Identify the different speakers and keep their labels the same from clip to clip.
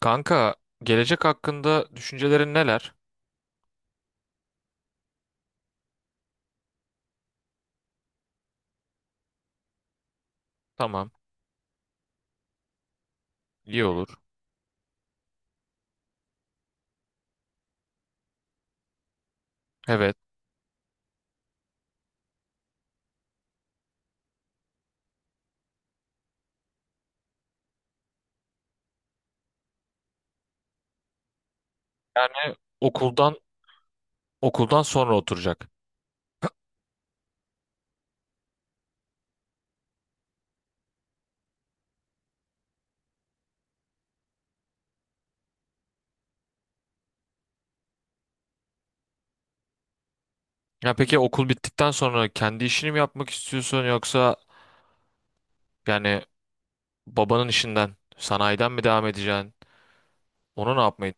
Speaker 1: Kanka, gelecek hakkında düşüncelerin neler? Tamam, iyi olur. Evet. Yani okuldan sonra oturacak. Ya peki okul bittikten sonra kendi işini mi yapmak istiyorsun yoksa yani babanın işinden, sanayiden mi devam edeceksin? Onu ne yapmayı?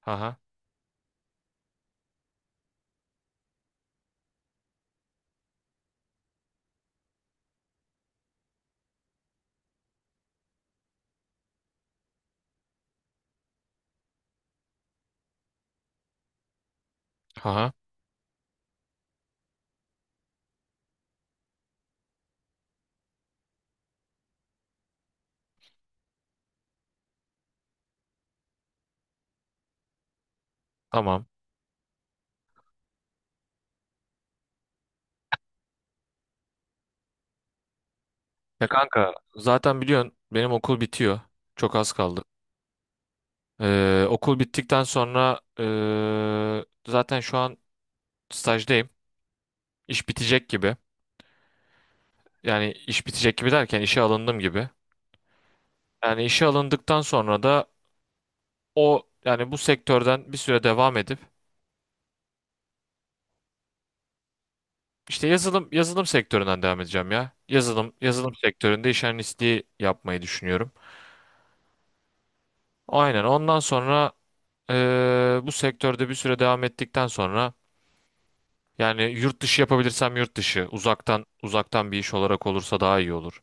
Speaker 1: Haha. Haha. Tamam. Ya kanka, zaten biliyorsun benim okul bitiyor. Çok az kaldı. Okul bittikten sonra zaten şu an stajdayım. İş bitecek gibi. Yani iş bitecek gibi derken işe alındım gibi. Yani işe alındıktan sonra da o yani bu sektörden bir süre devam edip işte yazılım sektöründen devam edeceğim ya. Yazılım sektöründe iş analistliği yapmayı düşünüyorum. Aynen ondan sonra bu sektörde bir süre devam ettikten sonra yani yurt dışı yapabilirsem yurt dışı uzaktan bir iş olarak olursa daha iyi olur.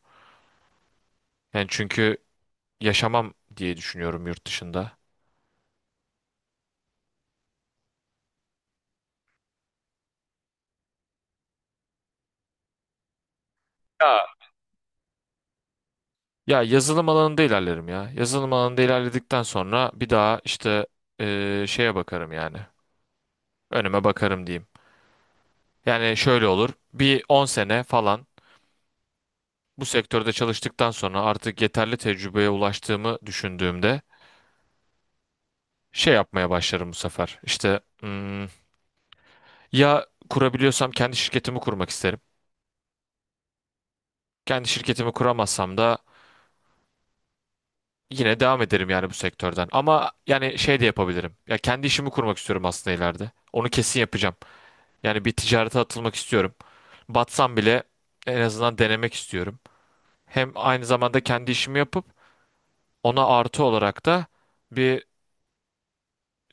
Speaker 1: Yani çünkü yaşamam diye düşünüyorum yurt dışında. Ya Ya yazılım alanında ilerlerim ya. Yazılım alanında ilerledikten sonra bir daha işte şeye bakarım yani. Önüme bakarım diyeyim. Yani şöyle olur. Bir 10 sene falan bu sektörde çalıştıktan sonra artık yeterli tecrübeye ulaştığımı düşündüğümde şey yapmaya başlarım bu sefer. İşte ya kurabiliyorsam kendi şirketimi kurmak isterim. Kendi şirketimi kuramazsam da yine devam ederim yani bu sektörden. Ama yani şey de yapabilirim. Ya kendi işimi kurmak istiyorum aslında ileride. Onu kesin yapacağım. Yani bir ticarete atılmak istiyorum. Batsam bile en azından denemek istiyorum. Hem aynı zamanda kendi işimi yapıp ona artı olarak da bir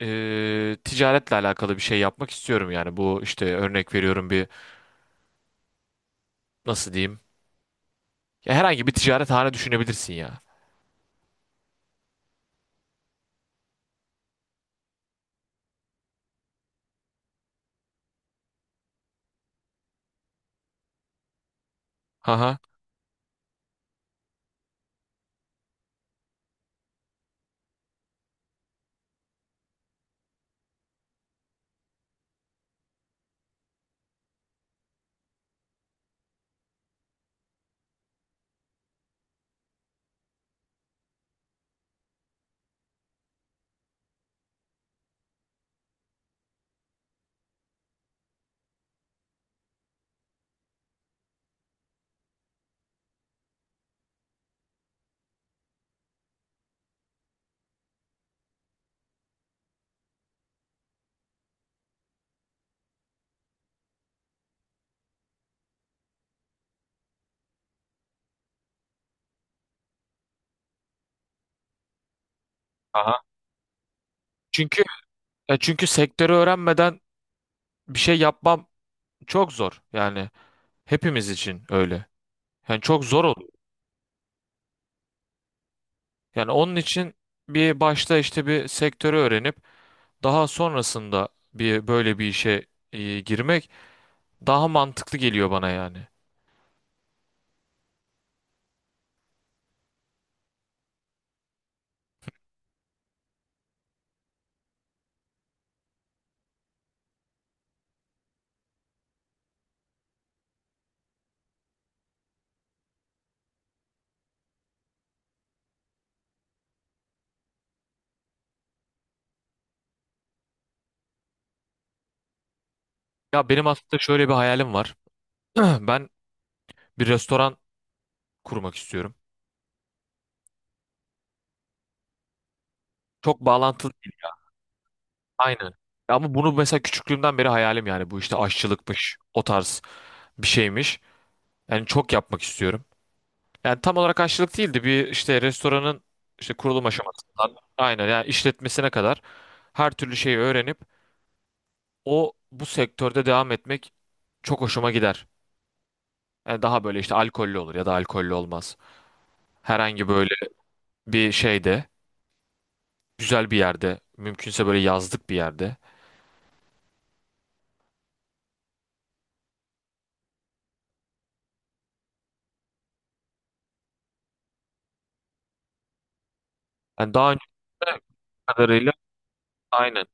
Speaker 1: ticaretle alakalı bir şey yapmak istiyorum. Yani bu işte örnek veriyorum bir nasıl diyeyim? Ya herhangi bir ticarethane düşünebilirsin ya. Aha. Aha. Çünkü çünkü sektörü öğrenmeden bir şey yapmam çok zor. Yani hepimiz için öyle. Yani çok zor olur. Yani onun için bir başta işte bir sektörü öğrenip daha sonrasında bir böyle bir işe girmek daha mantıklı geliyor bana yani. Ya benim aslında şöyle bir hayalim var. Ben bir restoran kurmak istiyorum. Çok bağlantılı değil. Aynen. Ama bunu mesela küçüklüğümden beri hayalim yani bu işte aşçılıkmış, o tarz bir şeymiş. Yani çok yapmak istiyorum. Yani tam olarak aşçılık değildi. Bir işte restoranın işte kurulum aşamasından aynen yani işletmesine kadar her türlü şeyi öğrenip o bu sektörde devam etmek çok hoşuma gider. Daha böyle işte alkollü olur ya da alkollü olmaz. Herhangi böyle bir şeyde, güzel bir yerde, mümkünse böyle yazlık bir yerde. Yani daha önce kadarıyla aynen.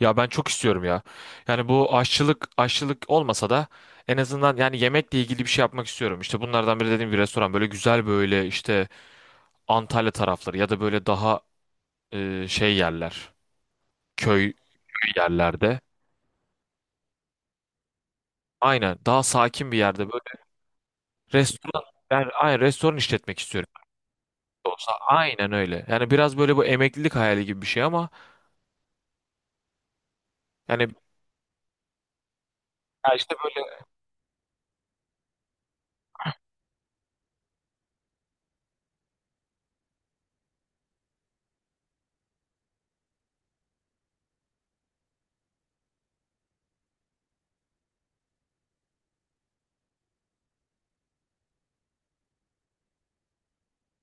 Speaker 1: Ya ben çok istiyorum ya. Yani bu aşçılık olmasa da en azından yani yemekle ilgili bir şey yapmak istiyorum. İşte bunlardan biri dediğim bir restoran böyle güzel böyle işte Antalya tarafları ya da böyle daha şey yerler, köy yerlerde. Aynen daha sakin bir yerde böyle restoran yani aynen restoran işletmek istiyorum. Olsa aynen öyle. Yani biraz böyle bu emeklilik hayali gibi bir şey ama yani ya işte böyle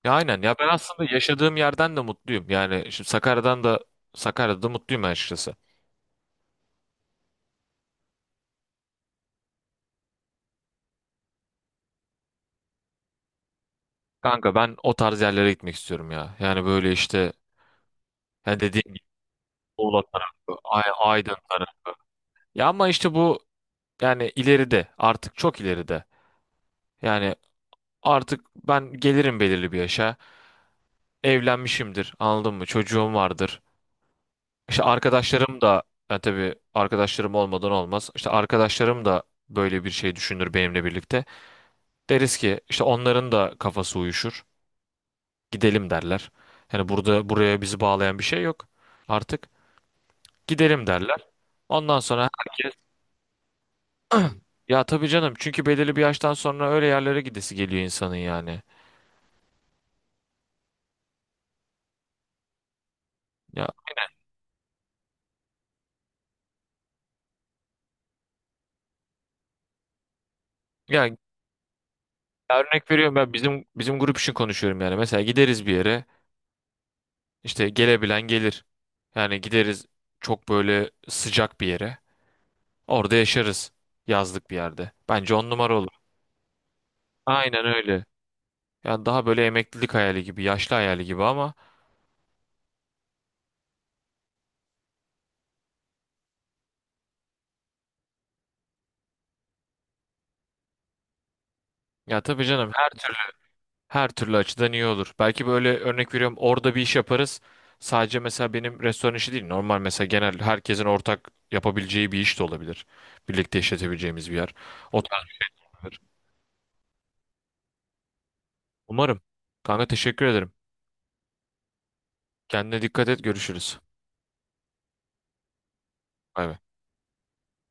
Speaker 1: ya aynen ya ben aslında yaşadığım yerden de mutluyum. Yani şimdi Sakarya'da da mutluyum açıkçası. Kanka ben o tarz yerlere gitmek istiyorum ya. Yani böyle işte yani dediğim gibi Muğla tarafı, Aydın tarafı. Ya ama işte bu yani ileride artık çok ileride. Yani artık ben gelirim belirli bir yaşa. Evlenmişimdir anladın mı? Çocuğum vardır. İşte arkadaşlarım da yani tabii arkadaşlarım olmadan olmaz. İşte arkadaşlarım da böyle bir şey düşünür benimle birlikte. Deriz ki işte onların da kafası uyuşur. Gidelim derler. Yani burada buraya bizi bağlayan bir şey yok. Artık gidelim derler. Ondan sonra herkes ya tabii canım çünkü belirli bir yaştan sonra öyle yerlere gidesi geliyor insanın yani. Ya yani örnek veriyorum ben bizim grup için konuşuyorum yani. Mesela gideriz bir yere işte gelebilen gelir. Yani gideriz çok böyle sıcak bir yere. Orada yaşarız. Yazlık bir yerde. Bence on numara olur. Aynen öyle. Yani daha böyle emeklilik hayali gibi, yaşlı hayali gibi ama ya tabii canım her türlü açıdan iyi olur. Belki böyle örnek veriyorum orada bir iş yaparız. Sadece mesela benim restoran işi değil, normal mesela genel herkesin ortak yapabileceği bir iş de olabilir. Birlikte işletebileceğimiz bir yer. O tarz bir yer. Umarım. Kanka teşekkür ederim. Kendine dikkat et, görüşürüz. Bay bay.